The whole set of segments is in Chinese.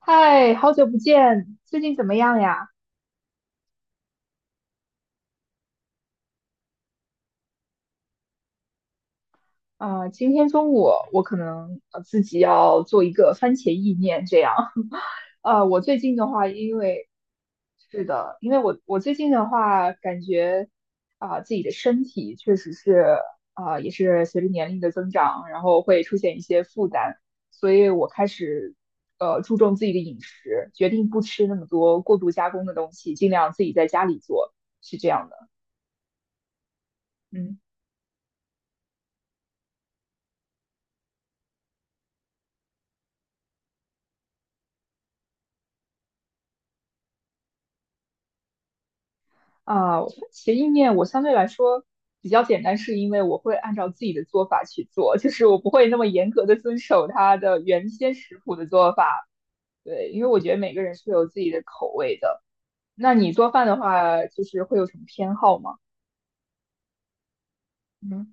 嗨，好久不见，最近怎么样呀？今天中午我可能自己要做一个番茄意面这样。我最近的话，因为是的，因为我最近的话，感觉自己的身体确实是也是随着年龄的增长，然后会出现一些负担，所以我开始注重自己的饮食，决定不吃那么多过度加工的东西，尽量自己在家里做，是这样的。嗯。啊，其意面我相对来说比较简单，是因为我会按照自己的做法去做，就是我不会那么严格的遵守它的原先食谱的做法。对，因为我觉得每个人是有自己的口味的。那你做饭的话，就是会有什么偏好吗？嗯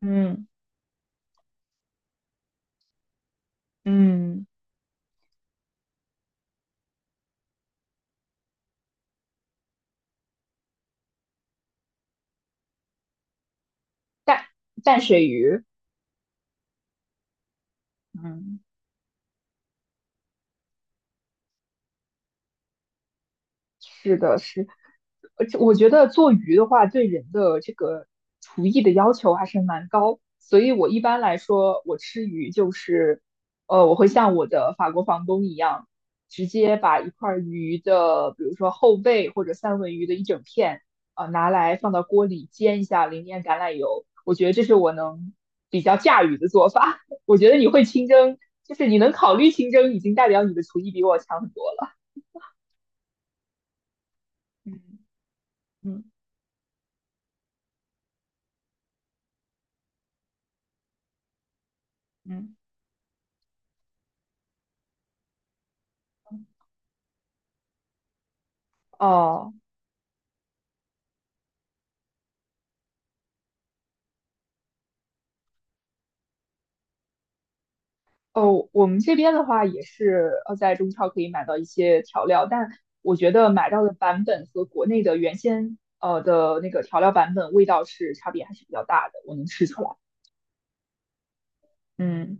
嗯嗯，淡淡水鱼。嗯。是的，是，而且我觉得做鱼的话，对人的这个厨艺的要求还是蛮高，所以我一般来说，我吃鱼就是，我会像我的法国房东一样，直接把一块儿鱼的，比如说后背或者三文鱼的一整片，拿来放到锅里煎一下，淋点橄榄油，我觉得这是我能比较驾驭的做法。我觉得你会清蒸，就是你能考虑清蒸，已经代表你的厨艺比我强很多了。嗯嗯嗯。哦哦，我们这边的话也是在中超可以买到一些调料，但我觉得买到的版本和国内的原先的那个调料版本味道是差别还是比较大的，我能吃出来。嗯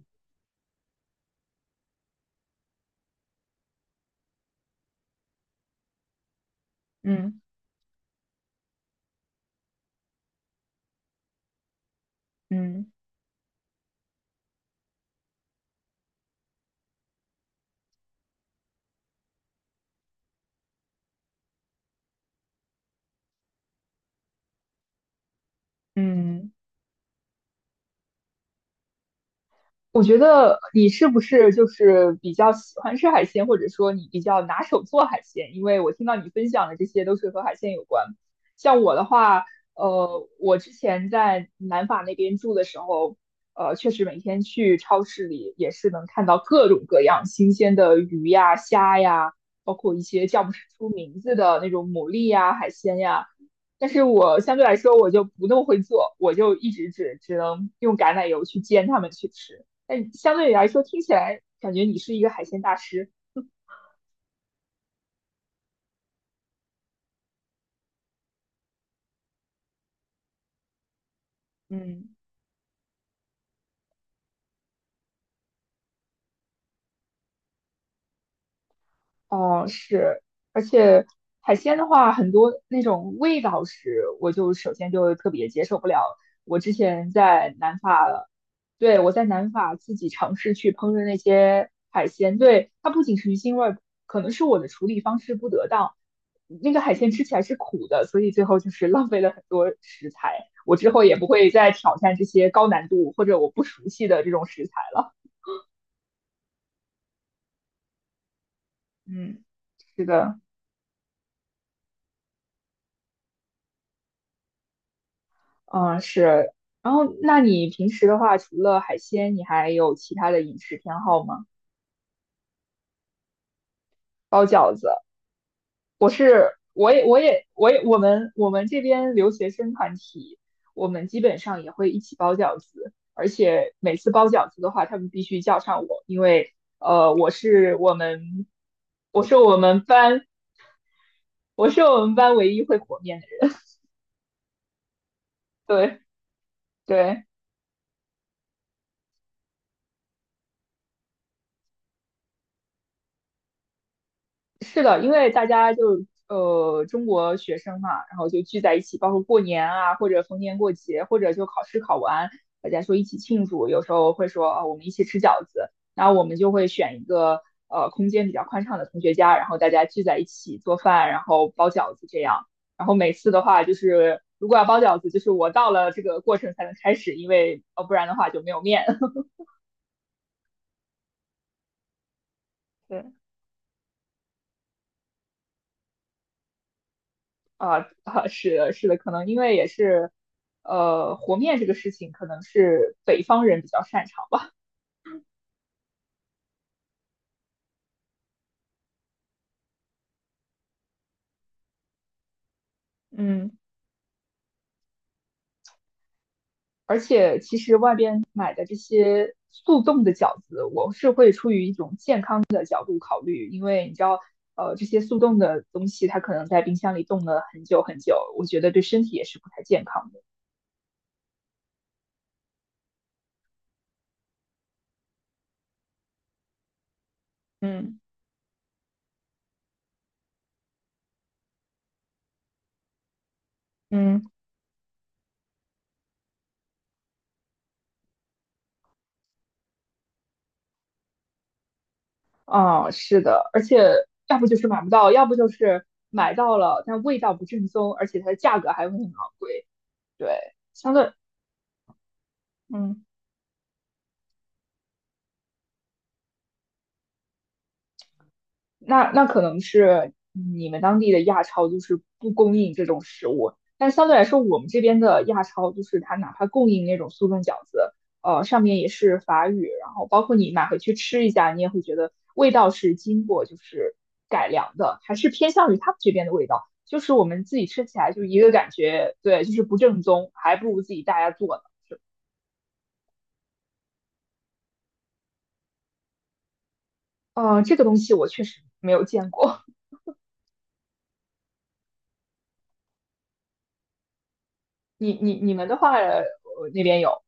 嗯嗯嗯。我觉得你是不是就是比较喜欢吃海鲜，或者说你比较拿手做海鲜？因为我听到你分享的这些都是和海鲜有关。像我的话，我之前在南法那边住的时候，确实每天去超市里也是能看到各种各样新鲜的鱼呀、虾呀，包括一些叫不出名字的那种牡蛎呀、海鲜呀。但是我相对来说我就不那么会做，我就一直只能用橄榄油去煎它们去吃。但相对来说，听起来感觉你是一个海鲜大师。嗯。哦，是，而且海鲜的话，很多那种味道是，我就首先就特别接受不了。我之前在南法，对，我在南法自己尝试去烹饪那些海鲜，对，它不仅是鱼腥味儿，可能是我的处理方式不得当，那个海鲜吃起来是苦的，所以最后就是浪费了很多食材。我之后也不会再挑战这些高难度或者我不熟悉的这种食材了。嗯，是的。嗯，是。然后，那你平时的话，除了海鲜，你还有其他的饮食偏好吗？包饺子，我是，我也，我们这边留学生团体，我们基本上也会一起包饺子，而且每次包饺子的话，他们必须叫上我，因为我是我们班，我是我们班唯一会和面的人。对对。是的，因为大家就中国学生嘛，然后就聚在一起，包括过年啊，或者逢年过节，或者就考试考完，大家说一起庆祝，有时候会说啊我们一起吃饺子，然后我们就会选一个空间比较宽敞的同学家，然后大家聚在一起做饭，然后包饺子这样。然后每次的话就是如果要包饺子，就是我到了这个过程才能开始，因为不然的话就没有面。对，啊啊，是的，是的，可能因为也是，和面这个事情可能是北方人比较擅长吧。嗯而且其实外边买的这些速冻的饺子，我是会出于一种健康的考虑，因为你知道，这些速冻的东西它可能在冰箱里冻了很久很久，我觉得对身体也是不太健康的。嗯嗯。哦，是的，而且要不就是买不到，要不就是买到了，但味道不正宗，而且它的价格还会很昂贵。对，相对，嗯。那可能是你们当地的亚超就是不供应这种食物，但相对来说，我们这边的亚超就是它哪怕供应那种速冻饺子，上面也是法语，然后包括你买回去吃一下，你也会觉得味道是经过就是改良的，还是偏向于他们这边的味道，就是我们自己吃起来就一个感觉，对，就是不正宗，还不如自己大家做呢。这个东西我确实没有见过，你们的话，那边有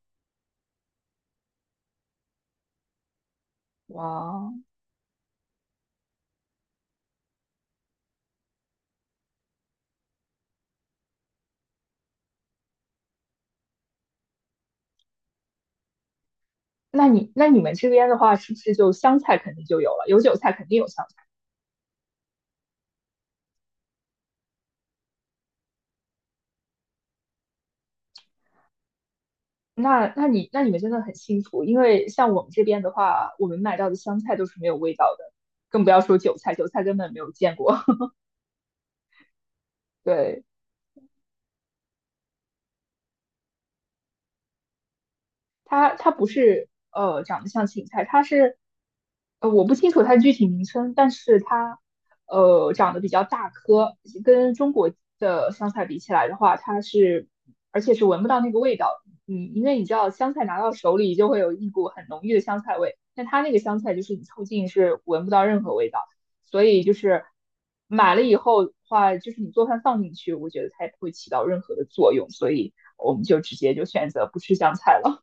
哇。那你们这边的话，是不是就香菜肯定就有了？有韭菜肯定有香菜。那你们真的很幸福，因为像我们这边的话，我们买到的香菜都是没有味道的，更不要说韭菜，韭菜根本没有见过。对，它不是长得像芹菜，它是我不清楚它的具体名称，但是它长得比较大颗，跟中国的香菜比起来的话，而且是闻不到那个味道，因为你知道香菜拿到手里就会有一股很浓郁的香菜味，但它那个香菜就是你凑近是闻不到任何味道，所以就是买了以后的话，就是你做饭放进去，我觉得它也不会起到任何的作用，所以我们就直接就选择不吃香菜了。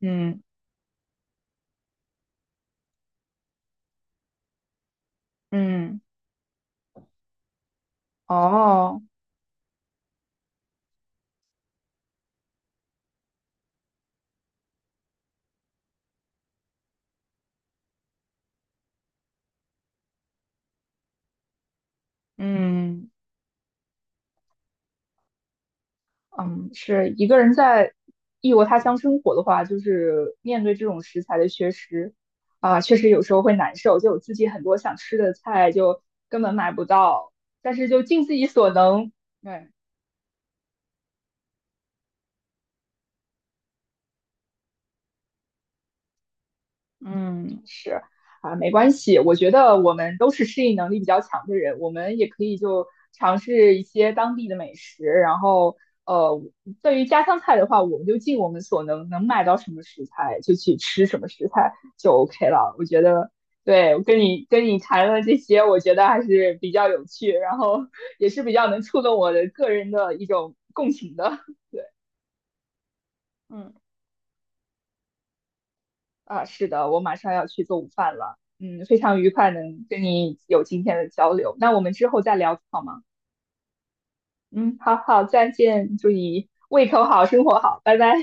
嗯嗯，哦，嗯嗯，是一个人在异国他乡生活的话，就是面对这种食材的缺失啊，确实有时候会难受。就我自己很多想吃的菜就根本买不到，但是就尽自己所能，对，嗯，是啊，没关系。我觉得我们都是适应能力比较强的人，我们也可以就尝试一些当地的美食。然后，呃，对于家乡菜的话，我们就尽我们所能，能买到什么食材就去吃什么食材就 OK 了。我觉得，对，我跟你谈了这些，我觉得还是比较有趣，然后也是比较能触动我的个人的一种共情的。对，嗯。啊，是的，我马上要去做午饭了。嗯，非常愉快能跟你有今天的交流。那我们之后再聊好吗？嗯，好好，再见，祝你胃口好，生活好，拜拜。